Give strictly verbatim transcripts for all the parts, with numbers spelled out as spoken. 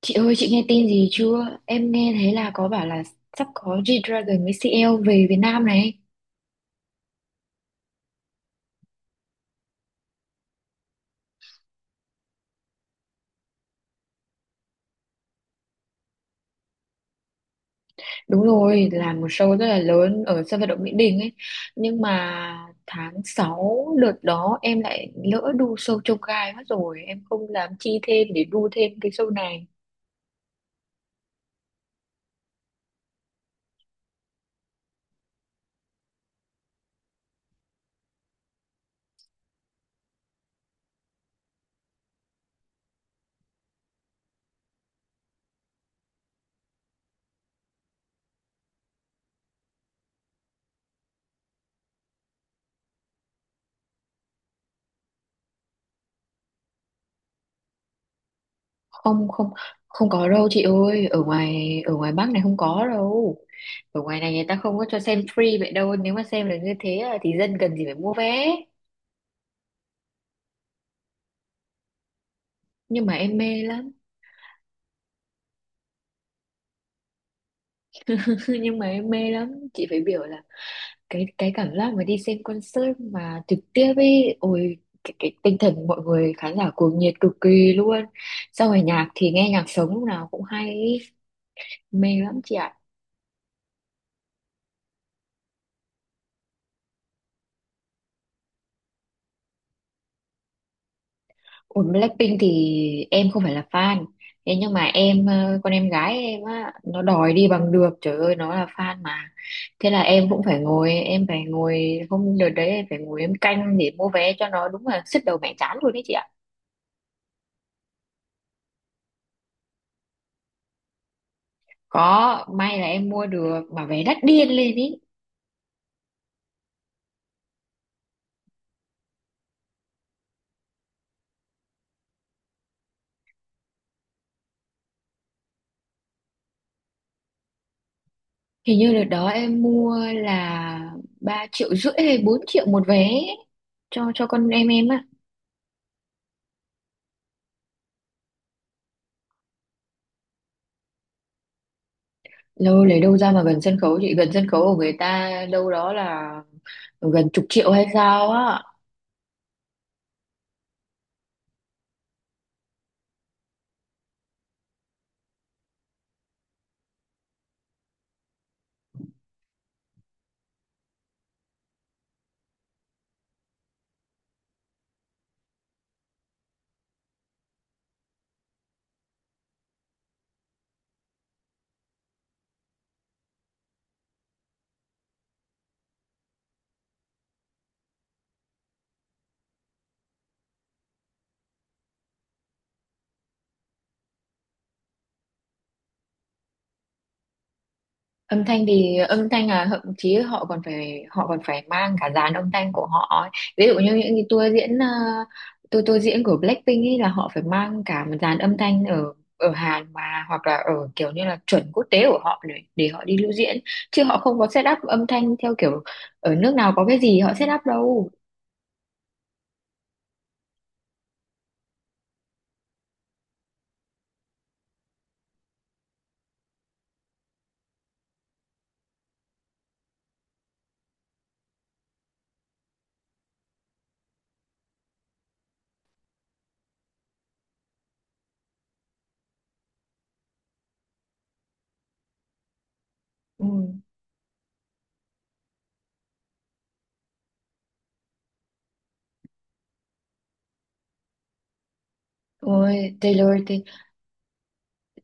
Chị ơi, chị nghe tin gì chưa? Em nghe thấy là có bảo là sắp có G-Dragon với si eo về Việt Nam này. Đúng rồi, là một show rất là lớn ở sân vận động Mỹ Đình ấy. Nhưng mà tháng sáu đợt đó em lại lỡ đu show trông gai mất rồi. Em không dám chi thêm để đu thêm cái show này. Không, không, không có đâu chị ơi. Ở ngoài, ở ngoài Bắc này không có đâu. Ở ngoài này người ta không có cho xem free vậy đâu. Nếu mà xem được như thế là thì dân cần gì phải mua vé. Nhưng mà em mê lắm. Thôi nhưng mà em mê lắm, chị phải biểu là cái cái cảm giác mà đi xem concert mà trực tiếp ấy, ôi cái, cái tinh thần mọi người khán giả cuồng nhiệt cực kỳ luôn, sau rồi nhạc thì nghe nhạc sống lúc nào cũng hay ý. Mê lắm chị ạ. Ủa Blackpink thì em không phải là fan, thế nhưng mà em ờ, con em gái em á, nó đòi đi bằng được, trời ơi nó là fan mà. Thế là em cũng phải ngồi, em phải ngồi, hôm đợt đấy em phải ngồi em canh để mua vé cho nó, đúng là sứt đầu mẻ trán luôn đấy chị ạ. Có, may là em mua được mà vé đắt điên lên ý. Hình như đợt đó em mua là ba triệu rưỡi hay bốn triệu một vé ấy, cho cho con em em á. Lâu lấy đâu ra mà gần sân khấu chị, gần sân khấu của người ta đâu, đó là gần chục triệu hay sao á. Âm thanh thì âm thanh là thậm chí họ còn phải họ còn phải mang cả dàn âm thanh của họ ấy. Ví dụ như những cái tour diễn, ờ, tour tour diễn của Blackpink ấy là họ phải mang cả một dàn âm thanh ở ở Hàn mà, hoặc là ở kiểu như là chuẩn quốc tế của họ, để, để họ đi lưu diễn, chứ họ không có set up âm thanh theo kiểu ở nước nào có cái gì họ set up đâu. Ừ. Ôi, Taylor.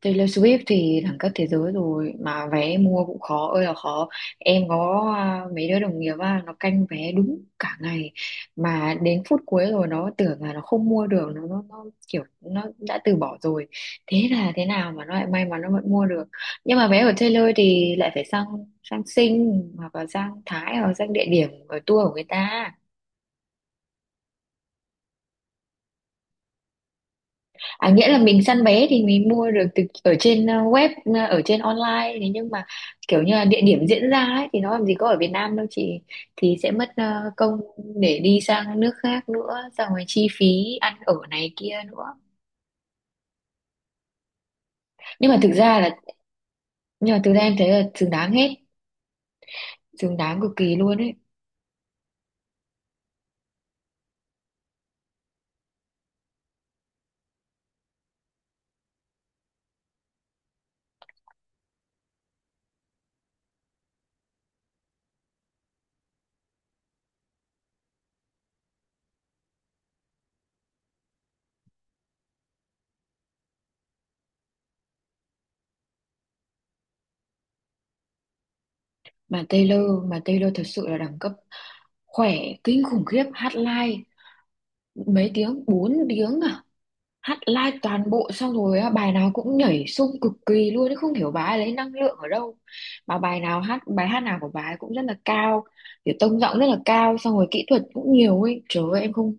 Taylor Swift thì đẳng cấp thế giới rồi mà vé mua cũng khó ơi là khó. Em có à, mấy đứa đồng nghiệp á, nó canh vé đúng cả ngày, mà đến phút cuối rồi nó tưởng là nó không mua được, nó, nó, nó kiểu nó đã từ bỏ rồi, thế là thế nào mà nó lại may mắn, nó vẫn mua được. Nhưng mà vé của Taylor thì lại phải sang, sang Sing hoặc là sang Thái hoặc sang địa điểm ở tour của người ta. À, nghĩa là mình săn vé thì mình mua được từ ở trên ờ, web, ờ, ở trên online, thế nhưng mà kiểu như là địa điểm diễn ra ấy thì nó làm gì có ở Việt Nam đâu chị, thì sẽ mất ờ, công để đi sang nước khác nữa, xong rồi chi phí ăn ở này kia nữa. Nhưng mà thực ra là, nhưng mà thực ra em thấy là xứng đáng hết, xứng đáng cực kỳ luôn ấy. Mà Taylor, mà Taylor thật sự là đẳng cấp, khỏe kinh khủng khiếp, hát live mấy tiếng, bốn tiếng à, hát live toàn bộ, xong rồi á, bài nào cũng nhảy xung cực kỳ luôn ấy, không hiểu bà ấy lấy năng lượng ở đâu, mà bài nào hát, bài hát nào của bà ấy cũng rất là cao, kiểu tông giọng rất là cao, xong rồi kỹ thuật cũng nhiều ấy, trời ơi em không,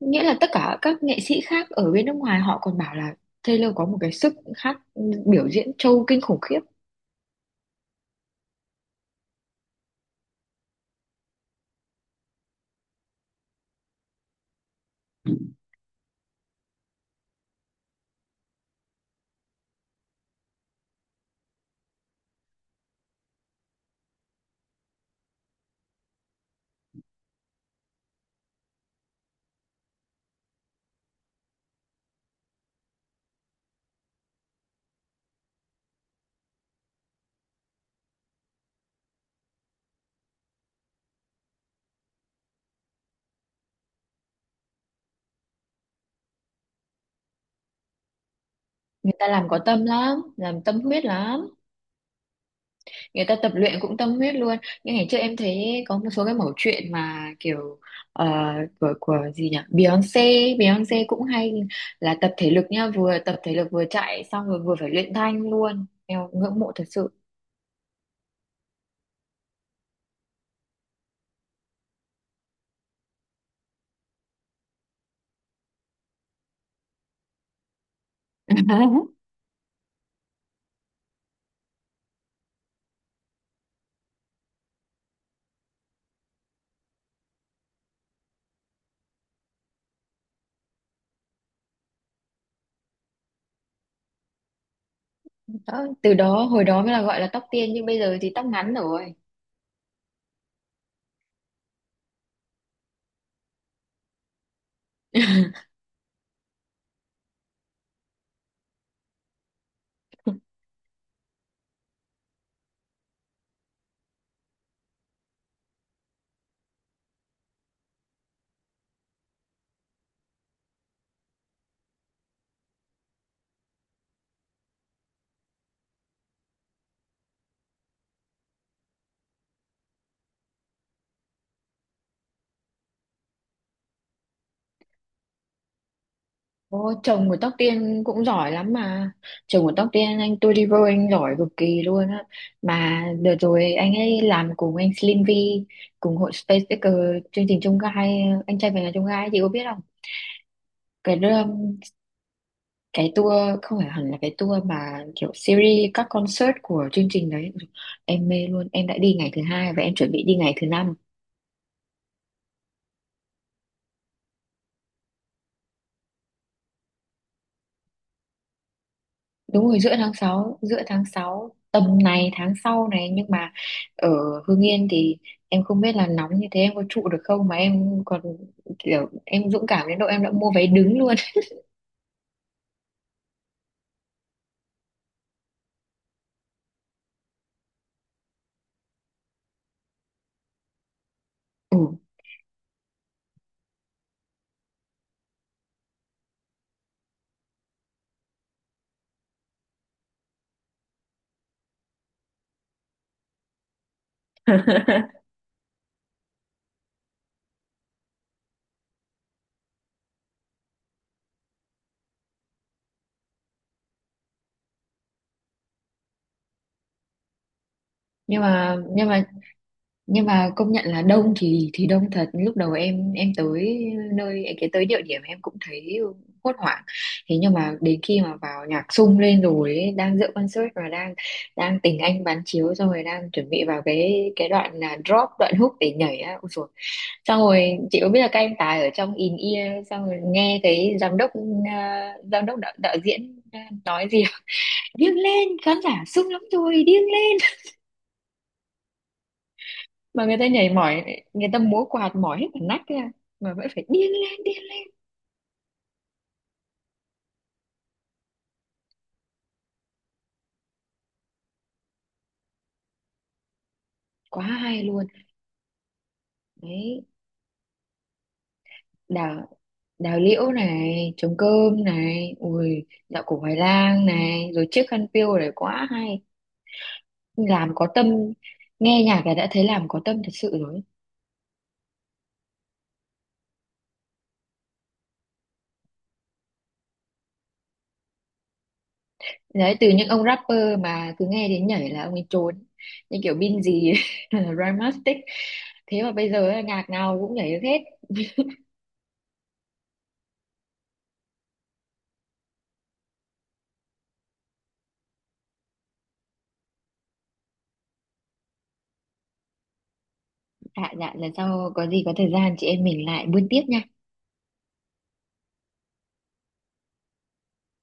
nghĩa là tất cả các nghệ sĩ khác ở bên nước ngoài họ còn bảo là Taylor có một cái sức hát, biểu diễn trâu kinh khủng khiếp. Người ta làm có tâm lắm, làm tâm huyết lắm. Người ta tập luyện cũng tâm huyết luôn. Nhưng ngày trước em thấy có một số cái mẩu chuyện mà kiểu, ờ, của của gì nhỉ, Beyonce Beyonce cũng hay là tập thể lực nha, vừa tập thể lực vừa chạy, xong rồi vừa phải luyện thanh luôn, em ngưỡng mộ thật sự. Đó, từ đó hồi đó mới là gọi là tóc tiên, nhưng bây giờ thì tóc ngắn rồi. Ô, chồng của Tóc Tiên cũng giỏi lắm mà. Chồng của Tóc Tiên anh Toliver, anh giỏi cực kỳ luôn á. Mà đợt rồi anh ấy làm cùng anh Slim V, cùng hội Space Picker, chương trình Chông Gai, Anh trai về nhà Chông Gai chị có biết không? Cái đưa- cái tour, không phải hẳn là cái tour mà kiểu series các concert của chương trình đấy. Em mê luôn, em đã đi ngày thứ hai và em chuẩn bị đi ngày thứ năm. Đúng rồi, giữa tháng sáu, giữa tháng sáu tầm này tháng sau này, nhưng mà ở Hưng Yên thì em không biết là nóng như thế em có trụ được không, mà em còn kiểu em dũng cảm đến độ em đã mua vé đứng luôn. Ừ. nhưng mà nhưng mà nhưng mà công nhận là đông thì thì đông thật, lúc đầu em em tới nơi, cái tới địa điểm em cũng thấy hốt hoảng, thế nhưng mà đến khi mà vào nhạc sung lên rồi ấy, đang dự concert và đang đang tình anh bán chiếu, xong rồi đang chuẩn bị vào cái cái đoạn là drop, đoạn hook để nhảy á, ôi dồi. Xong rồi chị có biết là các anh tài ở trong in ear, xong rồi nghe cái giám đốc, à, giám đốc đạo, đạo diễn à, nói gì. Điên lên, khán giả sung lắm rồi, điên lên, mà người ta nhảy mỏi, người ta múa quạt mỏi hết cả nách ra, mà vẫn phải điên lên, điên lên. Quá hay luôn đấy. Đào, đào liễu này, trống cơm này, ui dạo cổ Hoài Lang này, rồi chiếc khăn piêu này, quá hay. Làm có tâm, nghe nhạc là đã thấy làm có tâm thật sự rồi. Đấy, từ những ông rapper mà cứ nghe đến nhảy là ông ấy trốn, như kiểu Bin gì Rhymastic, thế mà bây giờ ấy, nhạc nào cũng nhảy được hết. Dạ dạ, lần sau có gì có thời gian chị em mình lại buôn tiếp nha.